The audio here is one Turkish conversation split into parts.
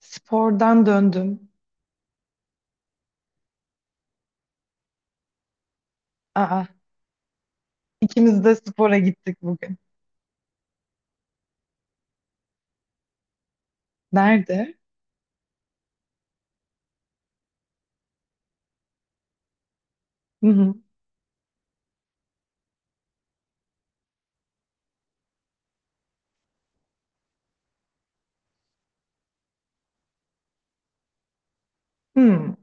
Spordan döndüm. Aa, ikimiz de spora gittik bugün. Nerede? Hı hı. Hmm.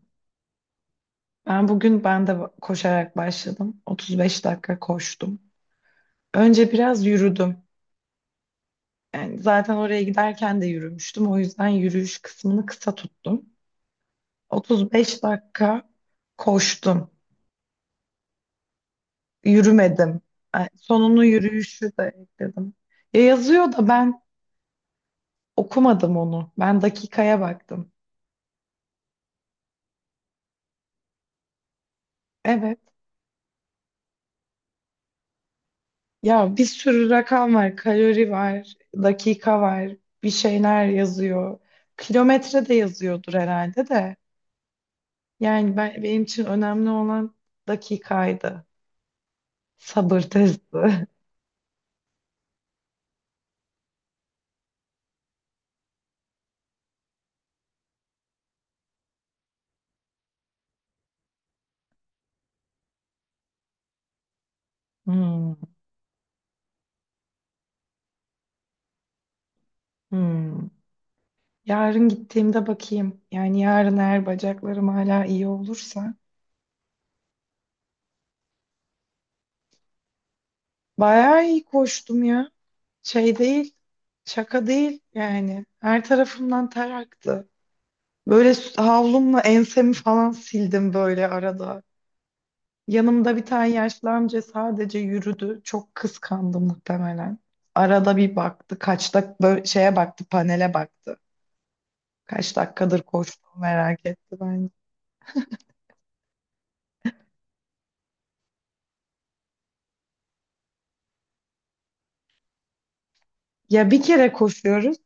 Ben de koşarak başladım. 35 dakika koştum. Önce biraz yürüdüm. Yani zaten oraya giderken de yürümüştüm. O yüzden yürüyüş kısmını kısa tuttum. 35 dakika koştum. Yürümedim. Yani sonunu yürüyüşü de ekledim. Ya yazıyor da ben okumadım onu. Ben dakikaya baktım. Evet. Ya bir sürü rakam var, kalori var, dakika var, bir şeyler yazıyor. Kilometre de yazıyordur herhalde de. Yani benim için önemli olan dakikaydı. Sabır testi. Hmm, hmm. Yarın gittiğimde bakayım. Yani yarın eğer bacaklarım hala iyi olursa. Bayağı iyi koştum ya. Şey değil, şaka değil yani. Her tarafımdan ter aktı. Böyle havlumla ensemi falan sildim böyle arada. Yanımda bir tane yaşlı amca sadece yürüdü. Çok kıskandı muhtemelen. Arada bir baktı. Kaç dak Böyle şeye baktı, panele baktı. Kaç dakikadır koştuğumu merak etti bence. Ya bir kere koşuyoruz,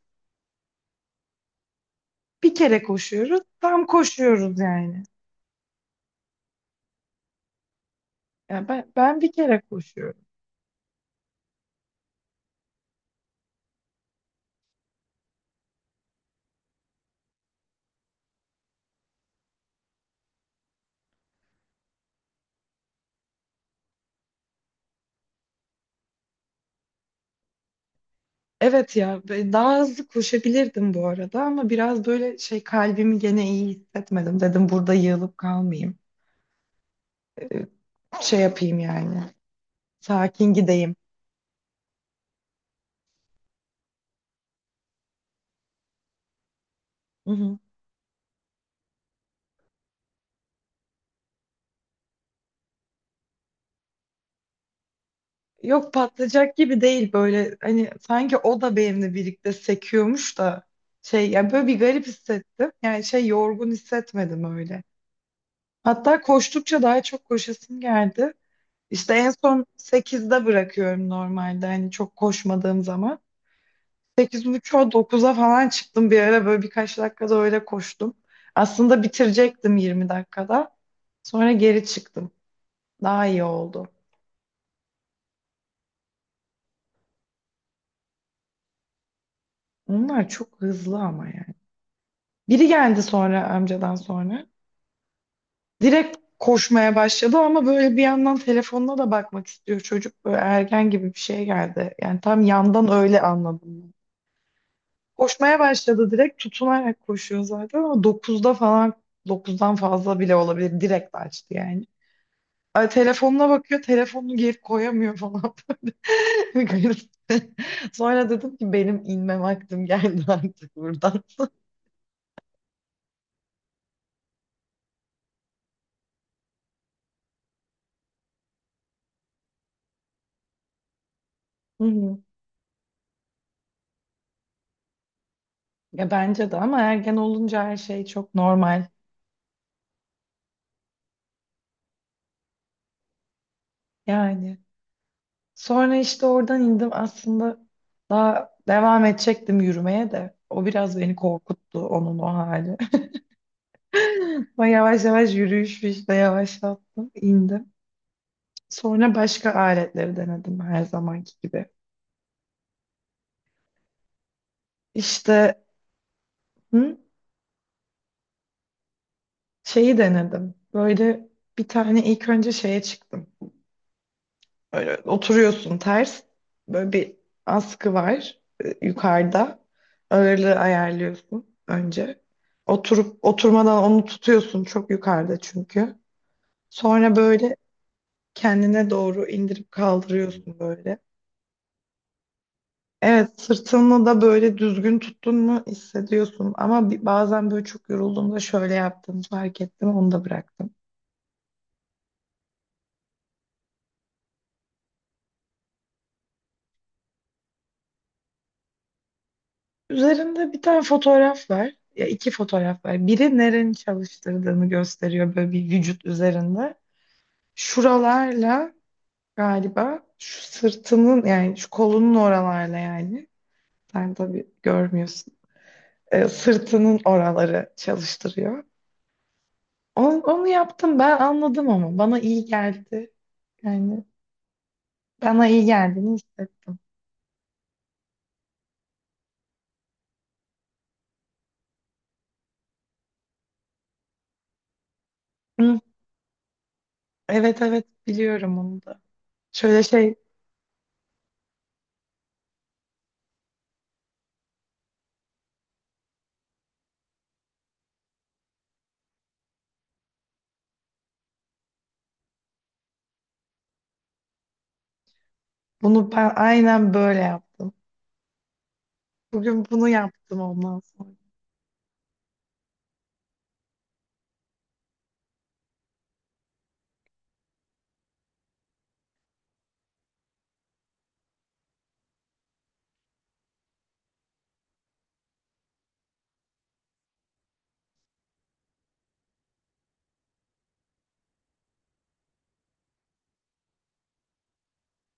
bir kere koşuyoruz, tam koşuyoruz yani. Ya ben bir kere koşuyorum. Evet ya ve daha hızlı koşabilirdim bu arada ama biraz böyle şey kalbimi gene iyi hissetmedim. Dedim burada yığılıp kalmayayım, Ee, şey yapayım yani. Sakin gideyim. Hı hı. Yok patlayacak gibi değil böyle hani sanki o da benimle birlikte sekiyormuş da şey yani böyle bir garip hissettim. Yani şey yorgun hissetmedim öyle. Hatta koştukça daha çok koşasım geldi. İşte en son sekizde bırakıyorum normalde hani çok koşmadığım zaman. 8.30'a dokuz'a falan çıktım bir ara böyle birkaç dakikada öyle koştum. Aslında bitirecektim 20 dakikada. Sonra geri çıktım. Daha iyi oldu. Onlar çok hızlı ama yani. Biri geldi sonra amcadan sonra. Direkt koşmaya başladı ama böyle bir yandan telefonuna da bakmak istiyor çocuk. Böyle ergen gibi bir şey geldi. Yani tam yandan öyle anladım ben. Koşmaya başladı direkt tutunarak koşuyor zaten ama dokuzda falan dokuzdan fazla bile olabilir. Direkt açtı yani. Ay, telefonuna bakıyor telefonunu geri koyamıyor falan. Böyle. Garip. Sonra dedim ki benim inme vaktim geldi artık buradan. Hı hı. Ya bence de ama ergen olunca her şey çok normal. Yani sonra işte oradan indim aslında, daha devam edecektim yürümeye de. O biraz beni korkuttu onun o hali. Ama yavaş yavaş yürüyüş işte yavaşlattım indim. Sonra başka aletleri denedim her zamanki gibi. İşte hı, şeyi denedim. Böyle bir tane ilk önce şeye çıktım. Böyle oturuyorsun ters. Böyle bir askı var, yukarıda. Ağırlığı ayarlıyorsun önce. Oturup oturmadan onu tutuyorsun çok yukarıda çünkü. Sonra böyle kendine doğru indirip kaldırıyorsun böyle. Evet, sırtını da böyle düzgün tuttun mu hissediyorsun. Ama bazen böyle çok yorulduğumda şöyle yaptığımı fark ettim, onu da bıraktım. Üzerinde bir tane fotoğraf var. Ya iki fotoğraf var. Biri nerenin çalıştırdığını gösteriyor böyle bir vücut üzerinde. Şuralarla galiba, şu sırtının yani şu kolunun oralarla yani. Sen tabii görmüyorsun. Sırtının oraları çalıştırıyor. Onu yaptım, ben anladım ama bana iyi geldi. Yani bana iyi geldiğini hissettim. Hı, evet evet biliyorum onu da. Şöyle şey Bunu ben aynen böyle yaptım. Bugün bunu yaptım ondan sonra.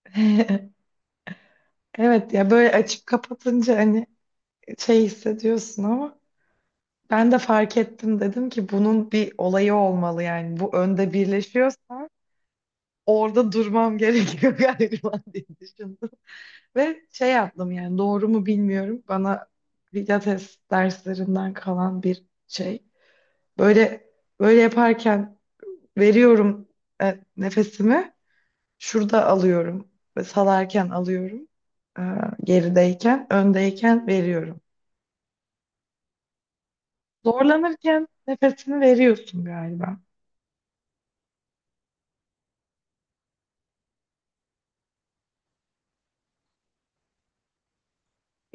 Evet ya, böyle açıp kapatınca hani şey hissediyorsun ama ben de fark ettim, dedim ki bunun bir olayı olmalı yani. Bu önde birleşiyorsa orada durmam gerekiyor galiba diye düşündüm. Ve şey yaptım yani, doğru mu bilmiyorum, bana pilates derslerinden kalan bir şey. Böyle böyle yaparken veriyorum nefesimi. Şurada alıyorum ve salarken alıyorum. Ee, Gerideyken, öndeyken veriyorum. Zorlanırken nefesini veriyorsun galiba.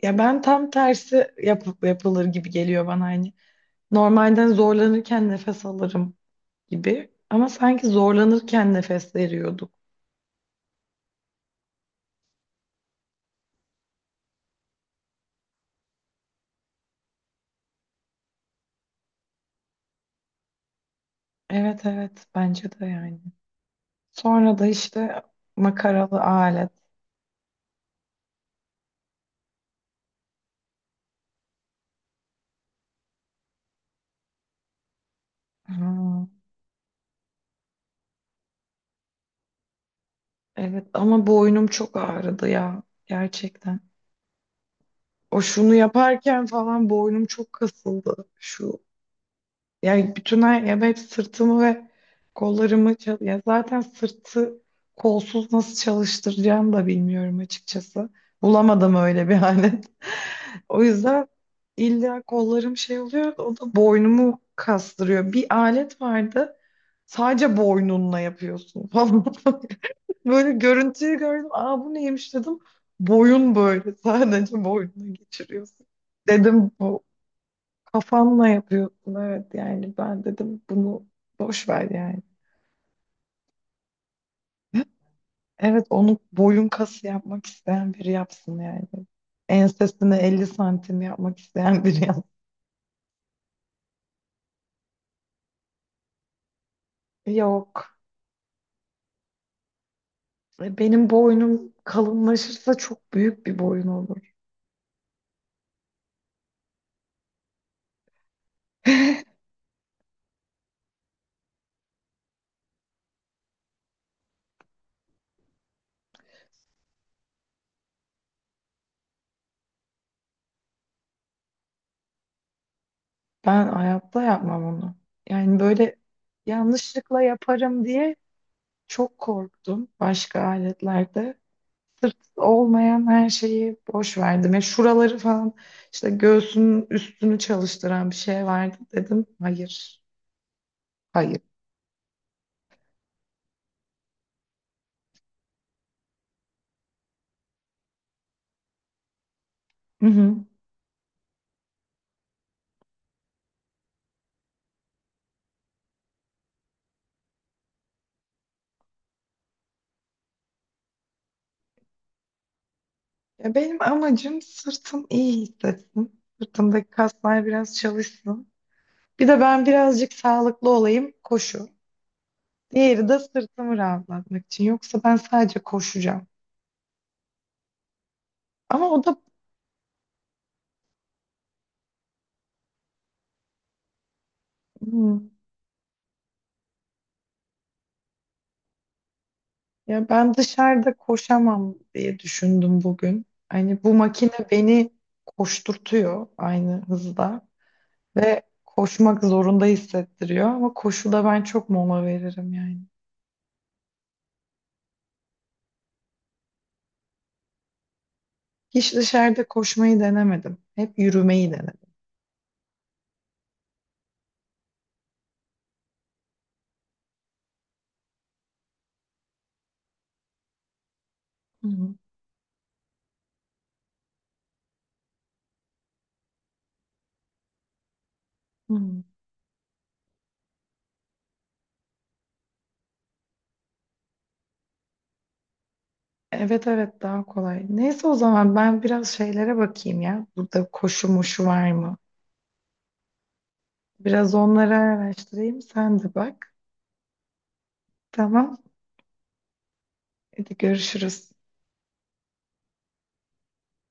Ya ben tam tersi yapıp yapılır gibi geliyor bana hani. Normalden zorlanırken nefes alırım gibi ama sanki zorlanırken nefes veriyorduk. Evet evet, bence de yani. Sonra da işte makaralı alet. Ha, evet ama boynum çok ağrıdı ya gerçekten. O şunu yaparken falan boynum çok kasıldı. Şu yani bütün her, ya ben hep sırtımı ve kollarımı ya zaten sırtı kolsuz nasıl çalıştıracağımı da bilmiyorum açıkçası. Bulamadım öyle bir alet. O yüzden illa kollarım şey oluyor, o da boynumu kastırıyor. Bir alet vardı. Sadece boynunla yapıyorsun falan. Böyle görüntüyü gördüm. Aa, bu neymiş dedim. Boyun böyle. Sadece boynuna geçiriyorsun. Dedim bu kafanla yapıyorsun. Evet yani, ben dedim bunu boş ver yani. Evet, onu boyun kası yapmak isteyen biri yapsın yani. Ensesine 50 santim yapmak isteyen biri yapsın. Yok. Benim boynum kalınlaşırsa çok büyük bir boyun olur. Ben hayatta yapmam onu. Yani böyle yanlışlıkla yaparım diye çok korktum başka aletlerde. Sırt olmayan her şeyi boş verdim. Ya şuraları falan, işte göğsünün üstünü çalıştıran bir şey vardı dedim. Hayır, hayır. Hı hı. Ya benim amacım sırtım iyi hissetsin. Sırtımdaki kaslar biraz çalışsın. Bir de ben birazcık sağlıklı olayım, koşu. Diğeri de sırtımı rahatlatmak için. Yoksa ben sadece koşacağım. Ama o da, hı. Ya ben dışarıda koşamam diye düşündüm bugün. Hani bu makine beni koşturtuyor aynı hızda ve koşmak zorunda hissettiriyor ama koşuda ben çok mola veririm yani. Hiç dışarıda koşmayı denemedim. Hep yürümeyi denedim. Hı hı. Hı. Evet evet, daha kolay. Neyse o zaman ben biraz şeylere bakayım ya. Burada koşu moşu var mı? Biraz onları araştırayım. Sen de bak. Tamam. Hadi görüşürüz.